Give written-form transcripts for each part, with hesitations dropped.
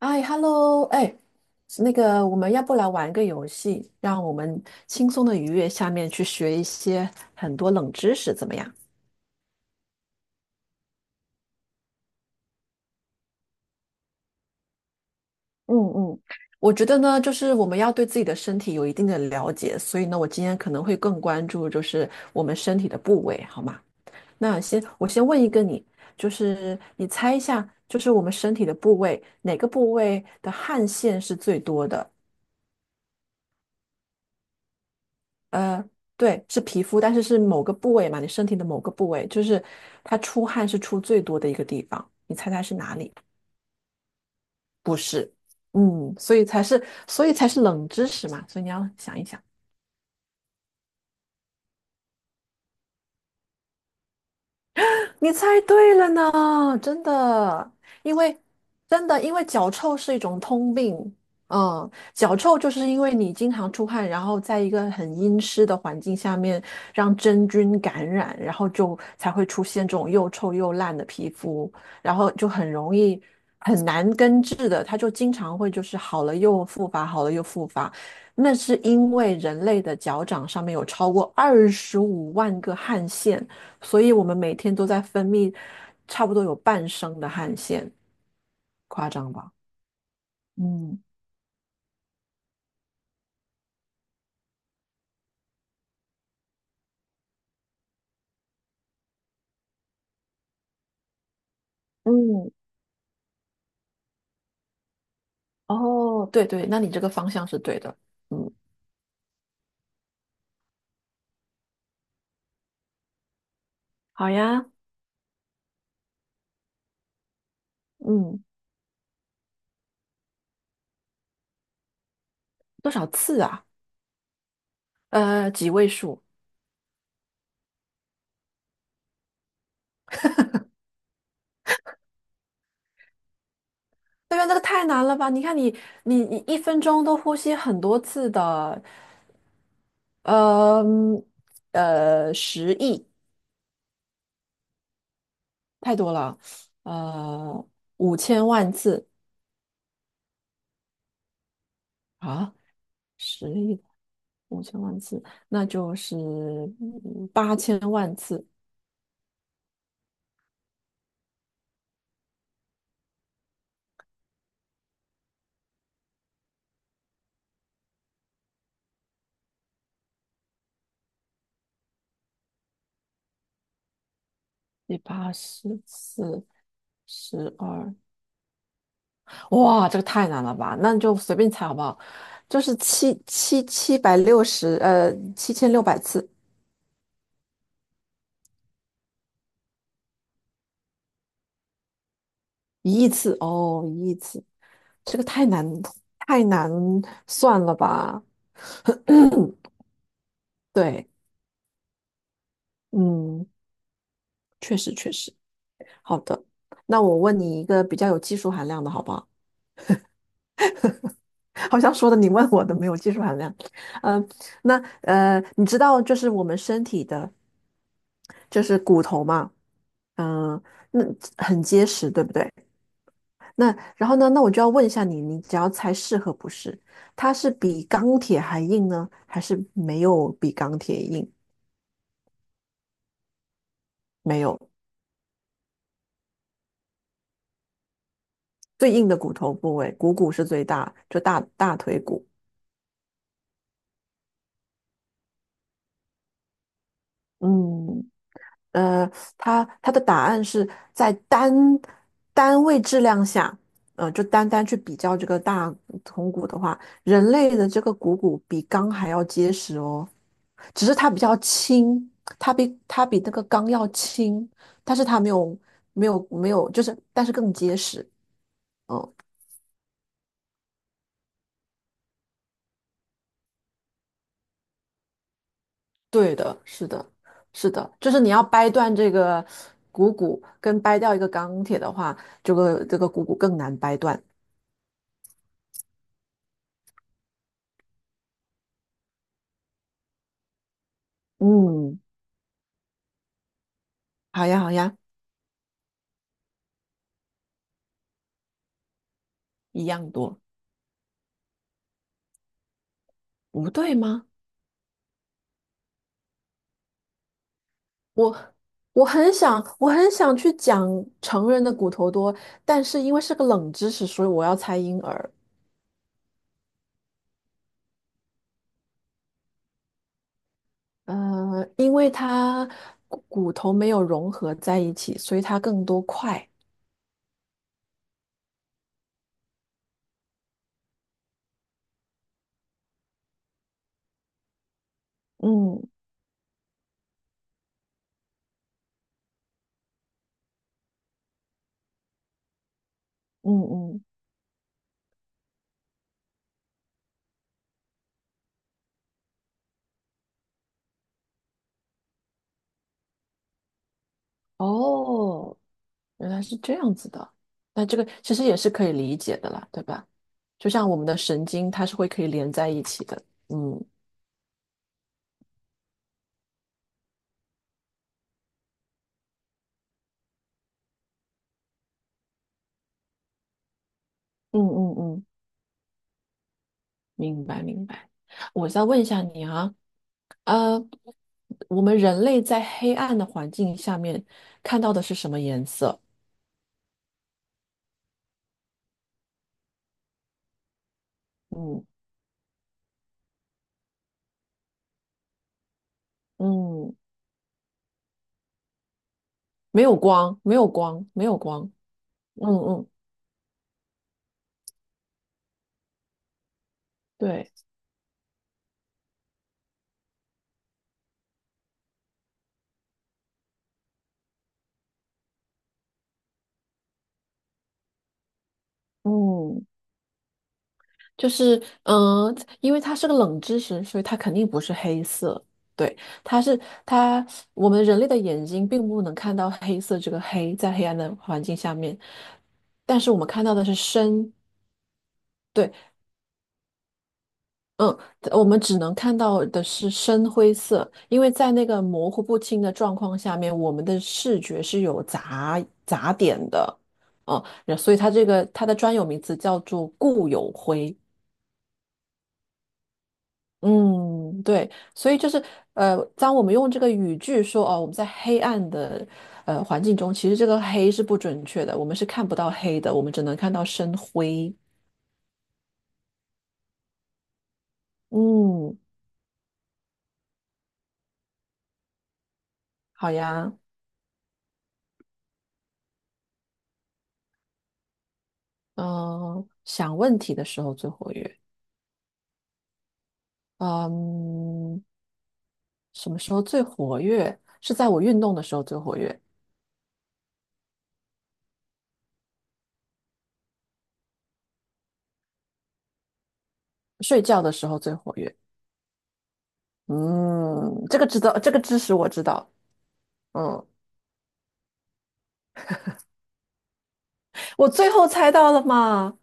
哎，Hello，哎，那个，我们要不来玩个游戏，让我们轻松的愉悦下面去学一些很多冷知识，怎么样？嗯嗯，我觉得呢，就是我们要对自己的身体有一定的了解，所以呢，我今天可能会更关注就是我们身体的部位，好吗？那先我先问一个你，就是你猜一下，就是我们身体的部位，哪个部位的汗腺是最多的？呃，对，是皮肤，但是是某个部位嘛，你身体的某个部位，就是它出汗是出最多的一个地方，你猜猜是哪里？不是，嗯，所以才是冷知识嘛，所以你要想一想。你猜对了呢，真的，因为真的，因为脚臭是一种通病。嗯，脚臭就是因为你经常出汗，然后在一个很阴湿的环境下面，让真菌感染，然后就才会出现这种又臭又烂的皮肤，然后就很容易很难根治的，它就经常会就是好了又复发，好了又复发。那是因为人类的脚掌上面有超过25万个汗腺。所以我们每天都在分泌差不多有半升的汗腺，夸张吧？嗯，嗯，哦，对对，那你这个方向是对的。嗯，好呀，嗯，多少次啊？几位数？对呀，那个太难了吧？你看你一分钟都呼吸很多次的，呃十亿太多了，呃，五千万次啊，十亿。五千万次，那就是8000万次，第八十四12，哇，这个太难了吧？那你就随便猜好不好？就是760，7600次，一亿次哦，一亿次，这个太难算了吧？对，嗯，确实确实，好的，那我问你一个比较有技术含量的好不好？好像说的你问我的没有技术含量。嗯、那你知道就是我们身体的就是骨头嘛，嗯、那很结实，对不对？那然后呢，那我就要问一下你，你只要猜是和不是，它是比钢铁还硬呢，还是没有比钢铁硬？没有，最硬的骨头部位，股骨是最大，就大腿骨。嗯，呃，它的答案是在单位质量下，就单单去比较这个大铜鼓的话，人类的这个股骨比钢还要结实哦，只是它比较轻，它比那个钢要轻，但是它没有，就是但是更结实。嗯，对的，是的，是的，就是你要掰断这个股骨跟掰掉一个钢铁的话，这个股骨更难掰断。嗯。好呀，好呀，一样多，不对吗？我我很想，我很想去讲成人的骨头多，但是因为是个冷知识，所以我要猜婴儿。因为它骨头没有融合在一起，所以它更多块。嗯嗯嗯，哦，原来是这样子的。那这个其实也是可以理解的啦，对吧？就像我们的神经，它是会可以连在一起的。嗯嗯嗯嗯。明白明白。我再问一下你啊，呃，我们人类在黑暗的环境下面看到的是什么颜色？嗯嗯，没有光，没有光，没有光。嗯嗯，对，嗯，就是嗯、呃因为它是个冷知识，所以它肯定不是黑色。对，它是它，我们人类的眼睛并不能看到黑色这个黑，在黑暗的环境下面，但是我们看到的是深。对，嗯，我们只能看到的是深灰色，因为在那个模糊不清的状况下面，我们的视觉是有杂点的，嗯，所以它这个它的专有名词叫做固有灰。嗯，对，所以就是当我们用这个语句说哦，我们在黑暗的环境中，其实这个黑是不准确的，我们是看不到黑的，我们只能看到深灰。嗯，好呀，嗯、想问题的时候最活跃。嗯，什么时候最活跃？是在我运动的时候最活跃，睡觉的时候最活跃。嗯，这个知道，这个知识我知道。嗯，我最后猜到了嘛？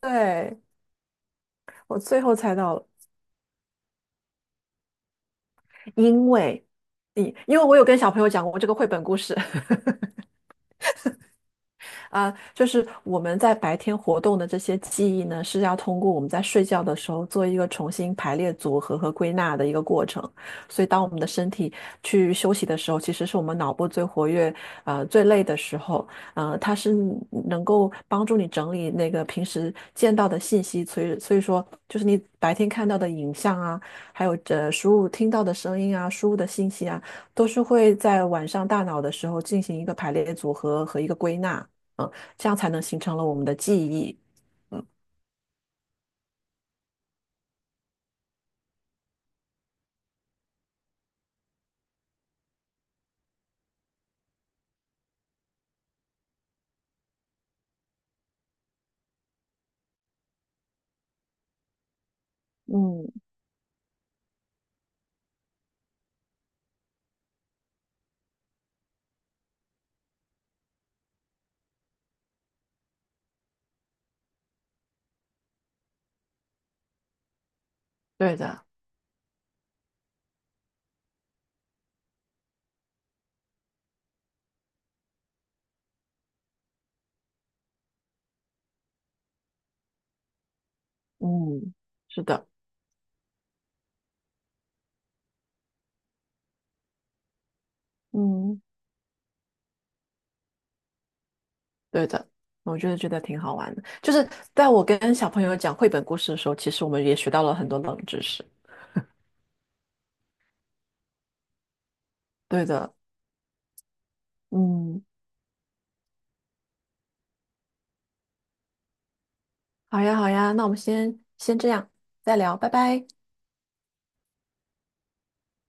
对，我最后猜到了，因为因为我有跟小朋友讲过这个绘本故事。啊，就是我们在白天活动的这些记忆呢，是要通过我们在睡觉的时候做一个重新排列组合和归纳的一个过程。所以，当我们的身体去休息的时候，其实是我们脑部最活跃、最累的时候。它是能够帮助你整理那个平时见到的信息，所以说，就是你白天看到的影像啊，还有输入听到的声音啊，输入的信息啊，都是会在晚上大脑的时候进行一个排列组合和一个归纳。嗯，这样才能形成了我们的记忆。嗯对的，嗯是的，嗯对的。我觉得挺好玩的，就是在我跟小朋友讲绘本故事的时候，其实我们也学到了很多冷知识。对的，嗯，好呀，好呀，那我们先这样，再聊，拜拜。